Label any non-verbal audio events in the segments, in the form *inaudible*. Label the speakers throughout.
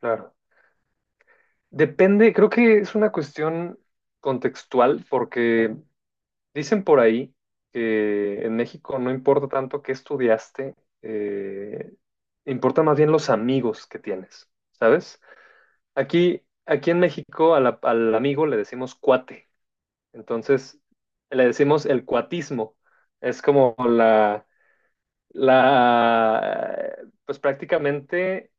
Speaker 1: Claro. Depende, creo que es una cuestión contextual porque dicen por ahí que en México no importa tanto qué estudiaste, eh, importa más bien los amigos que tienes, ¿sabes? Aquí en México a al amigo le decimos cuate, entonces le decimos el cuatismo, es como la, pues prácticamente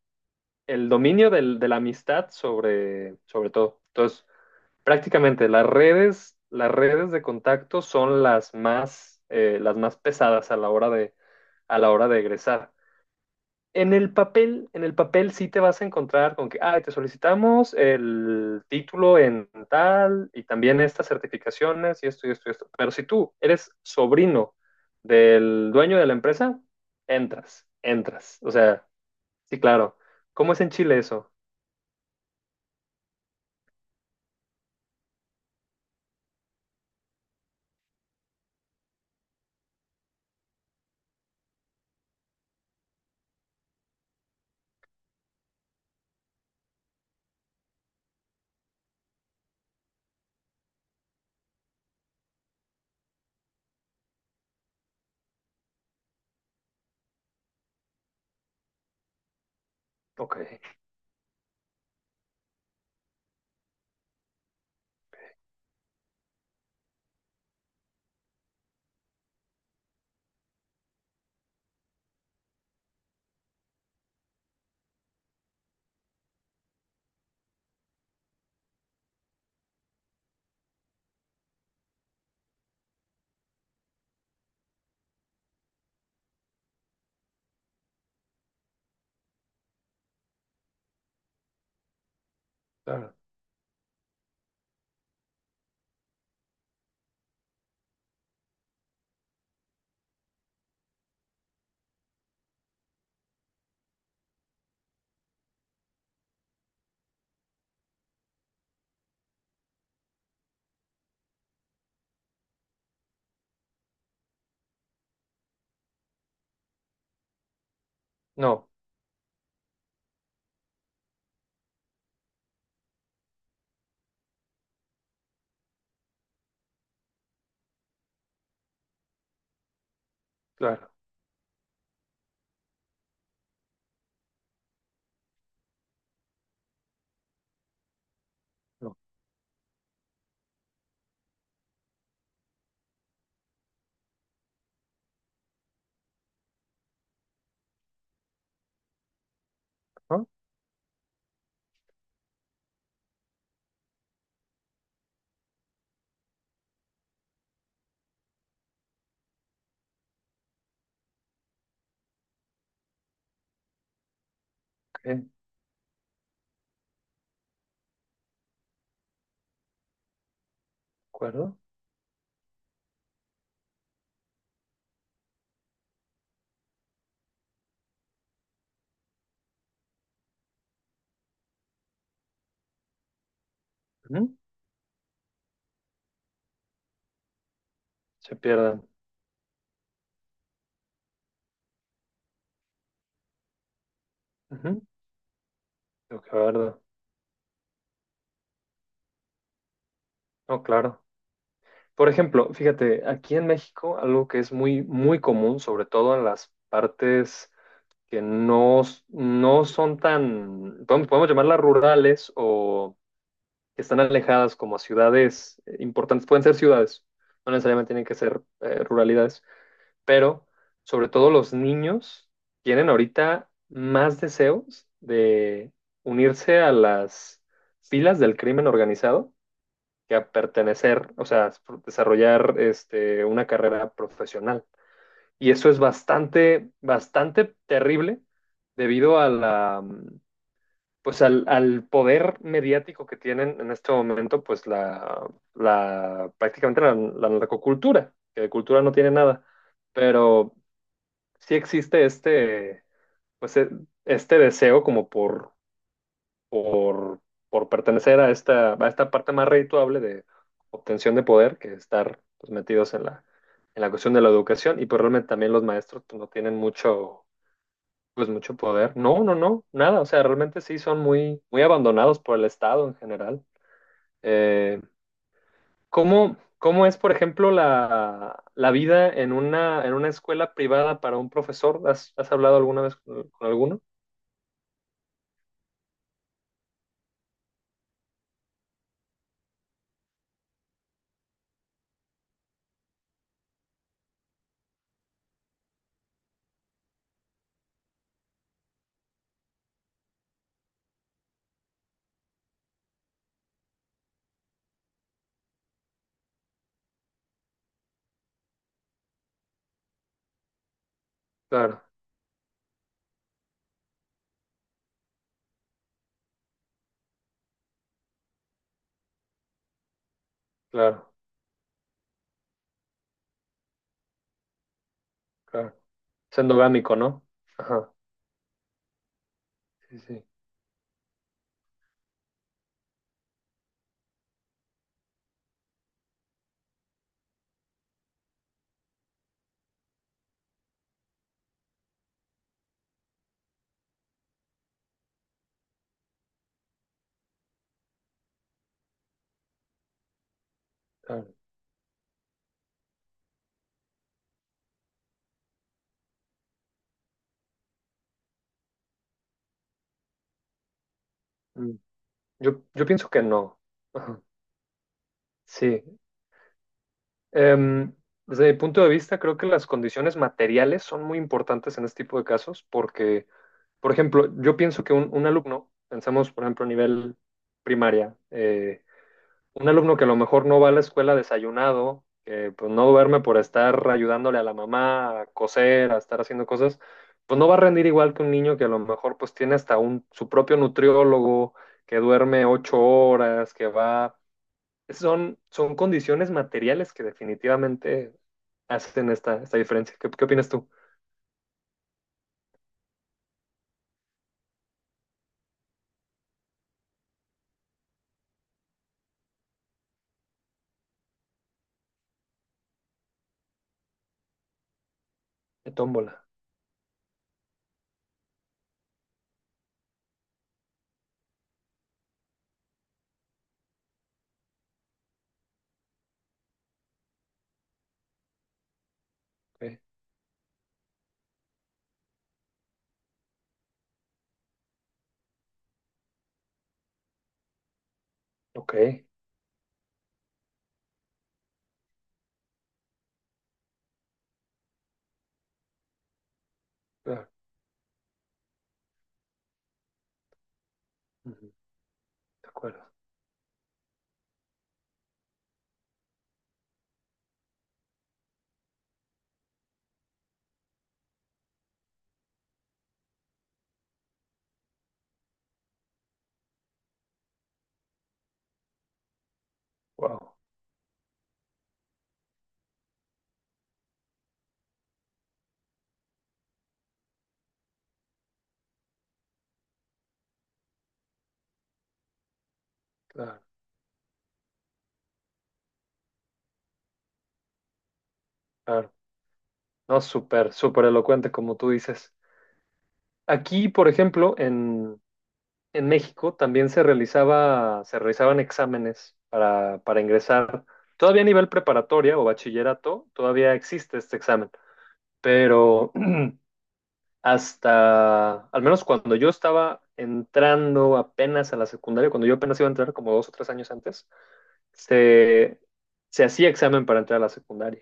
Speaker 1: el dominio de la amistad sobre todo. Entonces, prácticamente las redes de contacto son las más pesadas a la hora a la hora de egresar. En el papel sí te vas a encontrar con que, ah, te solicitamos el título en tal y también estas certificaciones y esto y esto y esto. Pero si tú eres sobrino del dueño de la empresa, entras, entras. O sea, sí, claro. ¿Cómo es en Chile eso? Ok, claro. No, claro. No. Ah, ok, de acuerdo. Ujú. Se pierden. Ujú. Tengo que verlo. No, claro. Por ejemplo, fíjate, aquí en México, algo que es muy, muy común, sobre todo en las partes que no, no son tan, podemos llamarlas rurales o que están alejadas como a ciudades importantes. Pueden ser ciudades, no necesariamente tienen que ser ruralidades, pero sobre todo los niños tienen ahorita más deseos de unirse a las filas del crimen organizado que a pertenecer, o sea, desarrollar este, una carrera profesional. Y eso es bastante, bastante terrible debido a la, pues al, al poder mediático que tienen en este momento, pues la prácticamente la narcocultura, que de cultura no tiene nada. Pero sí existe este, pues, este deseo como por, por pertenecer a esta parte más redituable de obtención de poder que estar pues, metidos en la cuestión de la educación. Y pues realmente también los maestros pues, no tienen mucho, pues, mucho poder. No, no, no, nada. O sea, realmente sí son muy, muy abandonados por el Estado en general. Eh, cómo es, por ejemplo, la vida en una escuela privada para un profesor? Has hablado alguna vez con alguno? Claro, claro, claro. Es endogámico, ¿no? Ajá, sí, sí, claro. Mm. Yo pienso que no. Ajá, sí. Em, desde mi punto de vista, creo que las condiciones materiales son muy importantes en este tipo de casos porque, por ejemplo, yo pienso que un alumno, pensamos, por ejemplo, a nivel primaria, un alumno que a lo mejor no va a la escuela desayunado, que pues no duerme por estar ayudándole a la mamá a coser, a estar haciendo cosas, pues no va a rendir igual que un niño que a lo mejor pues tiene hasta un, su propio nutriólogo, que duerme ocho horas, que va... Son, son condiciones materiales que definitivamente hacen esta, esta diferencia. ¿Qué, qué opinas tú? De tómbola. Ok, ok, claro. Ujú, de acuerdo. Wow, claro, claro. No, súper, súper elocuente como tú dices. Aquí, por ejemplo, en México también se realizaba, se realizaban exámenes para ingresar. Todavía a nivel preparatoria o bachillerato, todavía existe este examen, pero *clears throat* hasta, al menos cuando yo estaba entrando apenas a la secundaria, cuando yo apenas iba a entrar como dos o tres años antes, se, se hacía examen para entrar a la secundaria.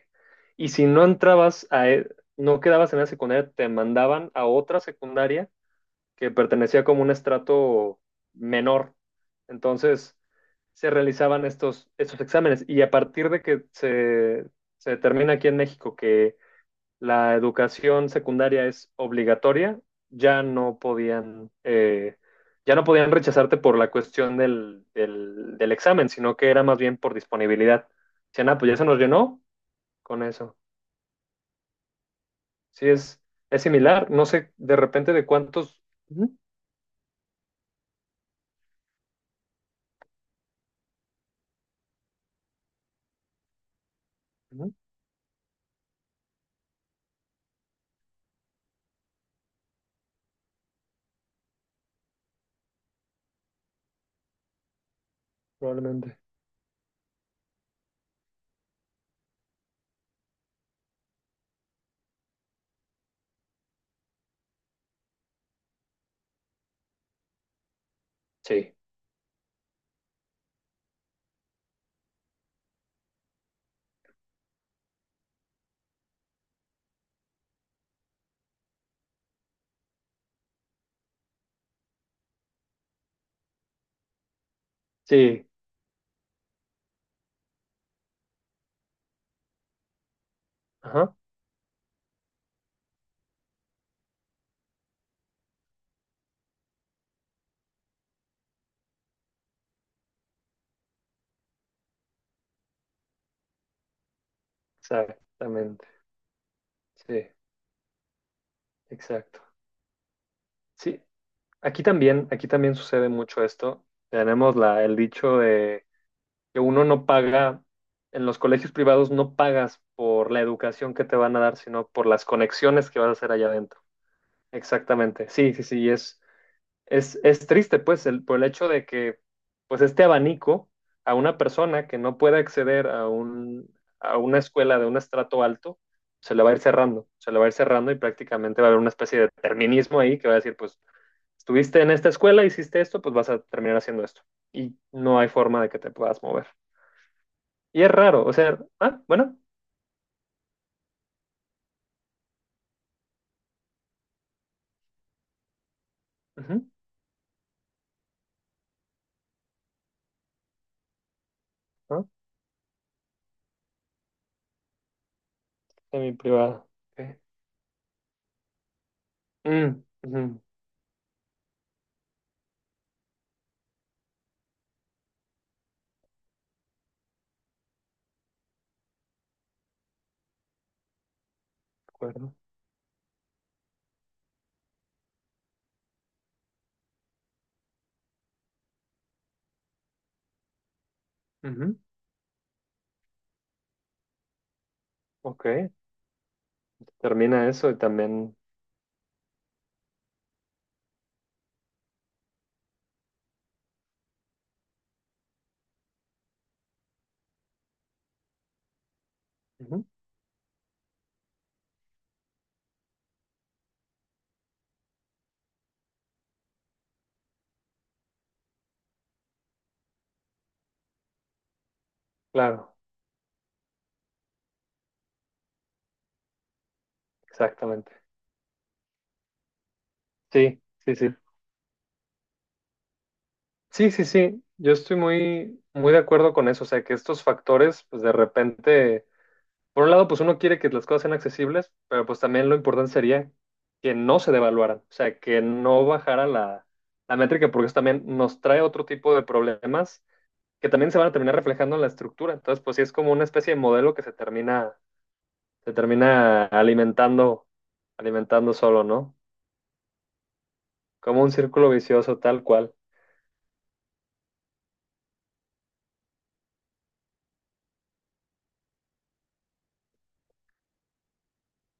Speaker 1: Y si no entrabas a, no quedabas en la secundaria, te mandaban a otra secundaria que pertenecía como un estrato menor. Entonces se realizaban estos, estos exámenes y a partir de que se determina aquí en México que la educación secundaria es obligatoria, ya no podían, eh, ya no podían rechazarte por la cuestión del examen, sino que era más bien por disponibilidad. Decían, ah, pues ya se nos llenó con eso. Sí, es similar. No sé, de repente de cuántos. Ujú, ujú, probablemente. Sí. Sí, ajá, exactamente. Sí, exacto. Sí, aquí también sucede mucho esto. Tenemos el dicho de que uno no paga, en los colegios privados no pagas por la educación que te van a dar, sino por las conexiones que vas a hacer allá adentro. Exactamente. Sí, sí, sí, es triste, pues, el, por el hecho de que, pues, este abanico a una persona que no pueda acceder a un, a una escuela de un estrato alto, se le va a ir cerrando, se le va a ir cerrando y prácticamente va a haber una especie de determinismo ahí que va a decir, pues, estuviste en esta escuela, hiciste esto, pues vas a terminar haciendo esto. Y no hay forma de que te puedas mover. Y es raro, o sea, ah, bueno, ujú, ah, semiprivada, ok. Mm, ujú, de acuerdo. Ujú, ok, termina eso y también, ujú, claro. Exactamente. Sí, sí, sí. Sí, sí, sí. Yo estoy muy, muy de acuerdo con eso. O sea, que estos factores, pues de repente, por un lado, pues uno quiere que las cosas sean accesibles, pero pues también lo importante sería que no se devaluaran. O sea, que no bajara la, la métrica, porque eso también nos trae otro tipo de problemas que también se van a terminar reflejando en la estructura. Entonces, pues sí es como una especie de modelo que se termina alimentando, alimentando solo, ¿no? Como un círculo vicioso tal cual.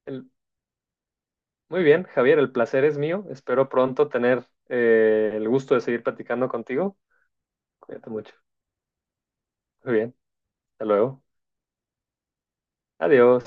Speaker 1: El- muy bien, Javier, el placer es mío. Espero pronto tener el gusto de seguir platicando contigo. Cuídate mucho. Muy bien, hasta luego. Adiós.